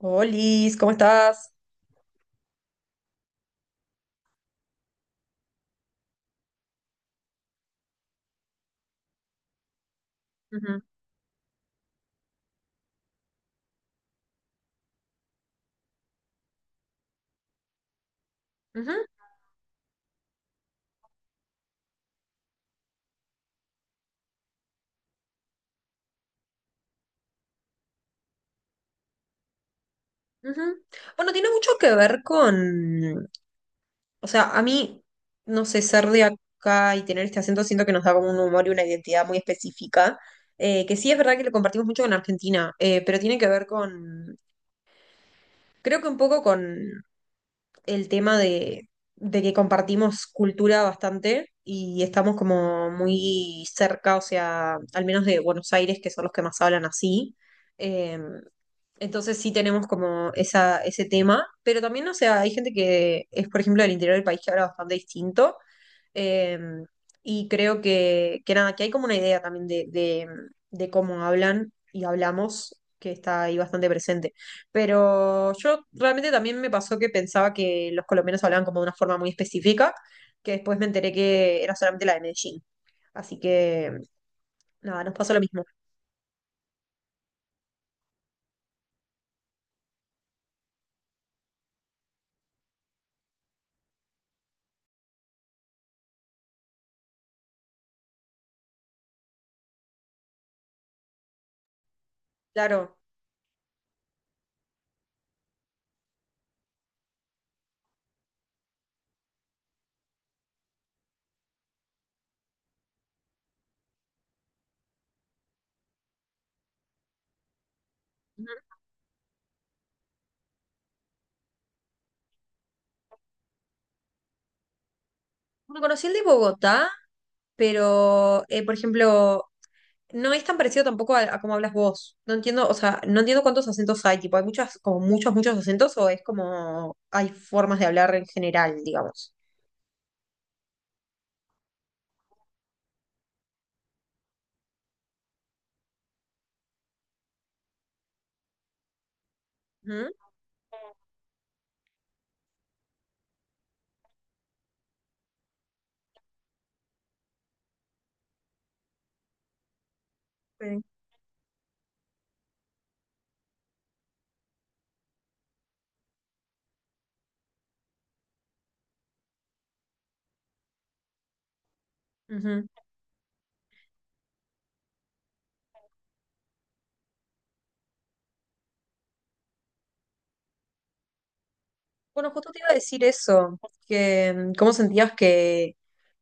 Olis, ¿cómo estás? Ujú. Bueno, tiene mucho que ver con, o sea, a mí, no sé, ser de acá y tener este acento siento que nos da como un humor y una identidad muy específica, que sí es verdad que lo compartimos mucho con Argentina, pero tiene que ver con, creo que un poco con el tema de, que compartimos cultura bastante y estamos como muy cerca, o sea, al menos de Buenos Aires, que son los que más hablan así. em, Entonces sí tenemos como esa, ese tema, pero también, o sea, hay gente que es, por ejemplo, del interior del país que habla bastante distinto, eh, y creo que, nada, que hay como una idea también de, de cómo hablan y hablamos, que está ahí bastante presente. Pero yo realmente también me pasó que pensaba que los colombianos hablaban como de una forma muy específica, que después me enteré que era solamente la de Medellín. Así que, nada, nos pasó lo mismo. Claro. Bueno, conocí el de Bogotá, pero, por ejemplo, no es tan parecido tampoco a, a cómo hablas vos. No entiendo, o sea, no entiendo cuántos acentos hay, tipo, hay muchas, como muchos, acentos, o es como hay formas de hablar en general, digamos. Ujú, sí, ujú. Bueno, justo te iba a decir eso, que cómo sentías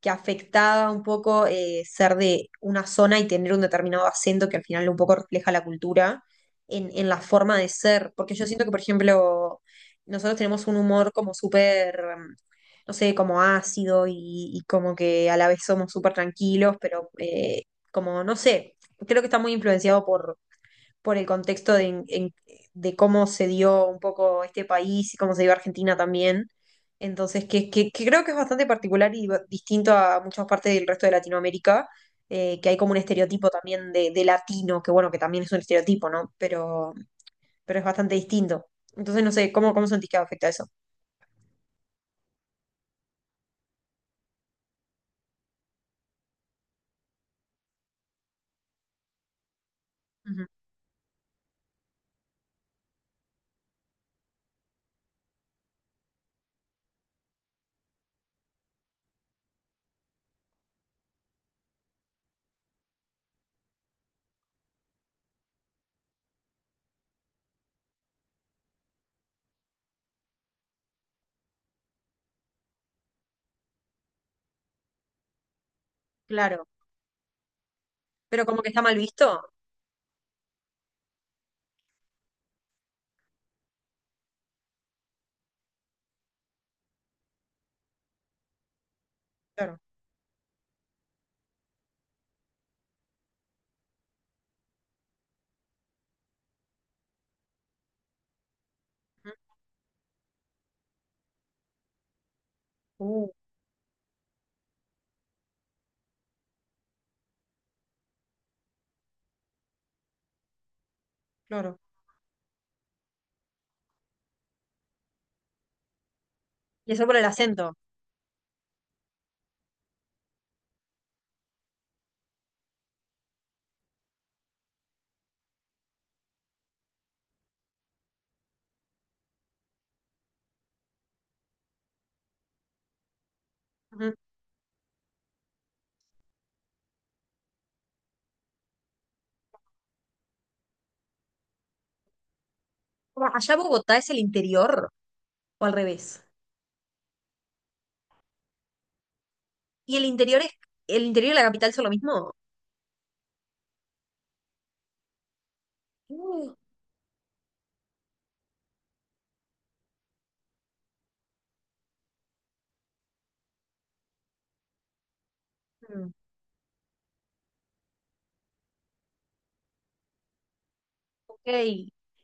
que afectaba un poco ser de una zona y tener un determinado acento que al final un poco refleja la cultura en la forma de ser. Porque yo siento que, por ejemplo, nosotros tenemos un humor como súper, no sé, como ácido y como que a la vez somos súper tranquilos, pero como, no sé, creo que está muy influenciado por el contexto de, de cómo se dio un poco este país y cómo se dio Argentina también. Entonces, que, que creo que es bastante particular y distinto a muchas partes del resto de Latinoamérica, que hay como un estereotipo también de latino, que bueno, que también es un estereotipo, ¿no? Pero es bastante distinto. Entonces, no sé, ¿cómo, cómo sentís que afecta eso? Ujú, claro. Pero como que está mal visto. Claro. Ujú. Uh, claro. Y eso por el acento. Ujú. Allá Bogotá es el interior o al revés. ¿Y el interior es el interior de la capital son lo mismo? Mm, mm, ok.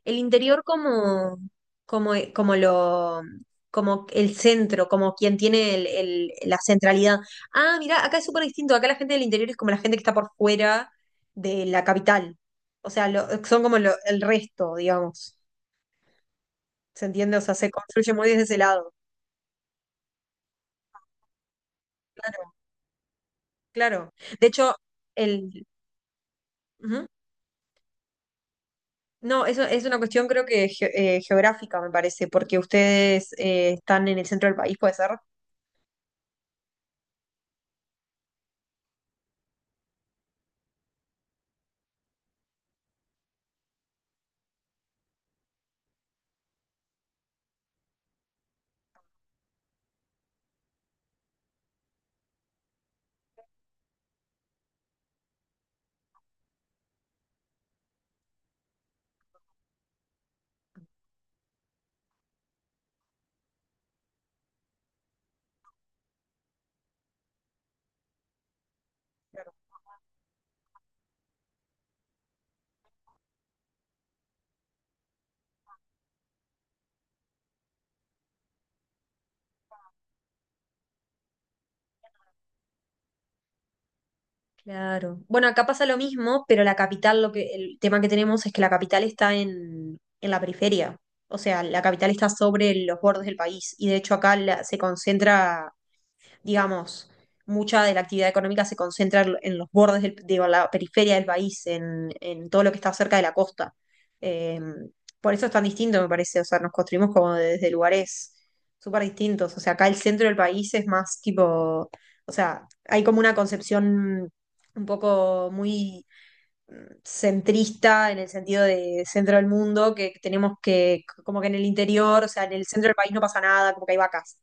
El interior como, como, como lo, como el centro, como quien tiene la centralidad. Ah, mira, acá es súper distinto. Acá la gente del interior es como la gente que está por fuera de la capital. O sea, son como el resto, digamos. ¿Se entiende? O sea, se construye muy desde ese lado. Claro, claro. De hecho, el... ujú. No, eso es una cuestión creo que geográfica, me parece, porque ustedes están en el centro del país, ¿puede ser? Claro. Bueno, acá pasa lo mismo, pero la capital, lo que, el tema que tenemos es que la capital está en la periferia. O sea, la capital está sobre los bordes del país. Y de hecho acá se concentra digamos, mucha de la actividad económica se concentra en los bordes, de la periferia del país, en todo lo que está cerca de la costa. Eh, por eso es tan distinto, me parece. O sea, nos construimos como desde lugares súper distintos. O sea, acá el centro del país es más tipo, o sea, hay como una concepción un poco muy centrista en el sentido de centro del mundo, que tenemos que, como que en el interior, o sea, en el centro del país no pasa nada, como que hay vacas.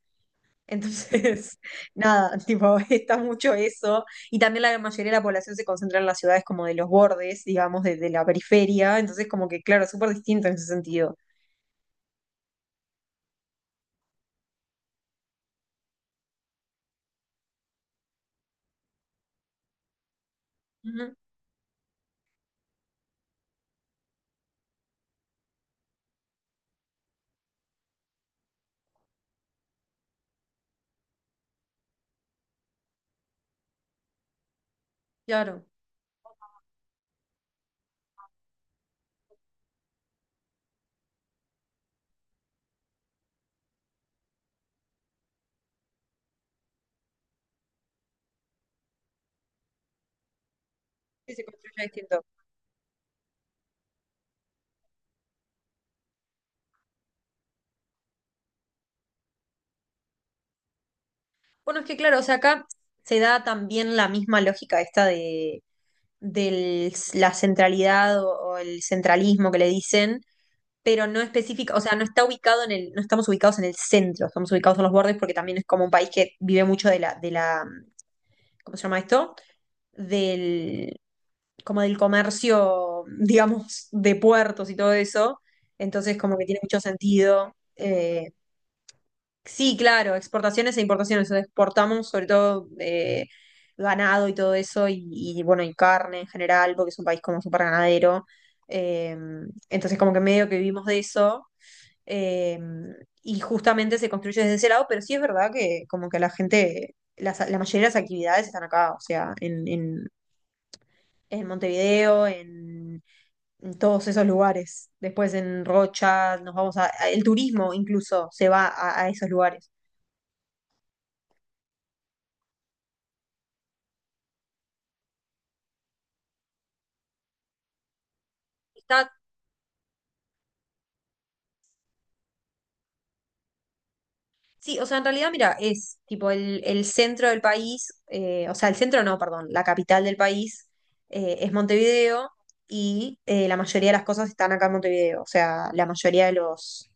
Entonces, nada, tipo, está mucho eso. Y también la mayoría de la población se concentra en las ciudades como de los bordes, digamos, de la periferia. Entonces, como que, claro, súper distinto en ese sentido. Ujú, claro, sí, se construye distinto. Bueno, es que, claro, o sea, acá se da también la misma lógica esta de, la centralidad o el centralismo que le dicen, pero no específica, o sea, no está ubicado en el, no estamos ubicados en el centro, estamos ubicados en los bordes porque también es como un país que vive mucho de la, ¿cómo se llama esto? Del, como del comercio, digamos, de puertos y todo eso. Entonces, como que tiene mucho sentido. Sí, claro, exportaciones e importaciones. Exportamos sobre todo ganado y todo eso, y, bueno, y carne en general, porque es un país como súper ganadero. Eh, entonces, como que medio que vivimos de eso. eh, y justamente se construye desde ese lado, pero sí es verdad que como que la gente, la mayoría de las actividades están acá, o sea, en, en Montevideo, en todos esos lugares. Después en Rocha, nos vamos a, el turismo incluso se va a esos lugares. Está, sí, o sea, en realidad, mira, es tipo el centro del país, o sea, el centro no, perdón, la capital del país es Montevideo y la mayoría de las cosas están acá en Montevideo, o sea, la mayoría de los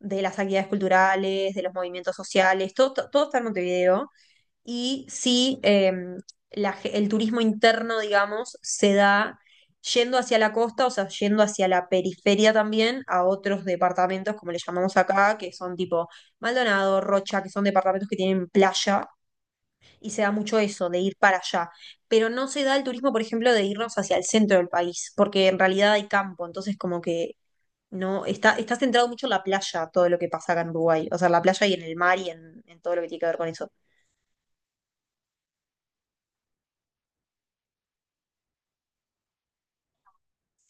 de las actividades culturales, de los movimientos sociales, todo, todo está en Montevideo. Y sí el turismo interno, digamos, se da yendo hacia la costa, o sea, yendo hacia la periferia también, a otros departamentos, como le llamamos acá, que son tipo Maldonado, Rocha, que son departamentos que tienen playa, y se da mucho eso, de ir para allá. Pero no se da el turismo, por ejemplo, de irnos hacia el centro del país, porque en realidad hay campo, entonces como que no, está, está centrado mucho en la playa, todo lo que pasa acá en Uruguay, o sea, en la playa y en el mar y en todo lo que tiene que ver con eso.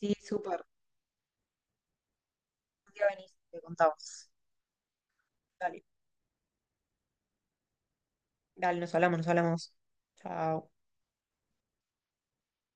Sí, súper. Día venís, te contamos. Dale, dale, nos hablamos, nos hablamos. Chao.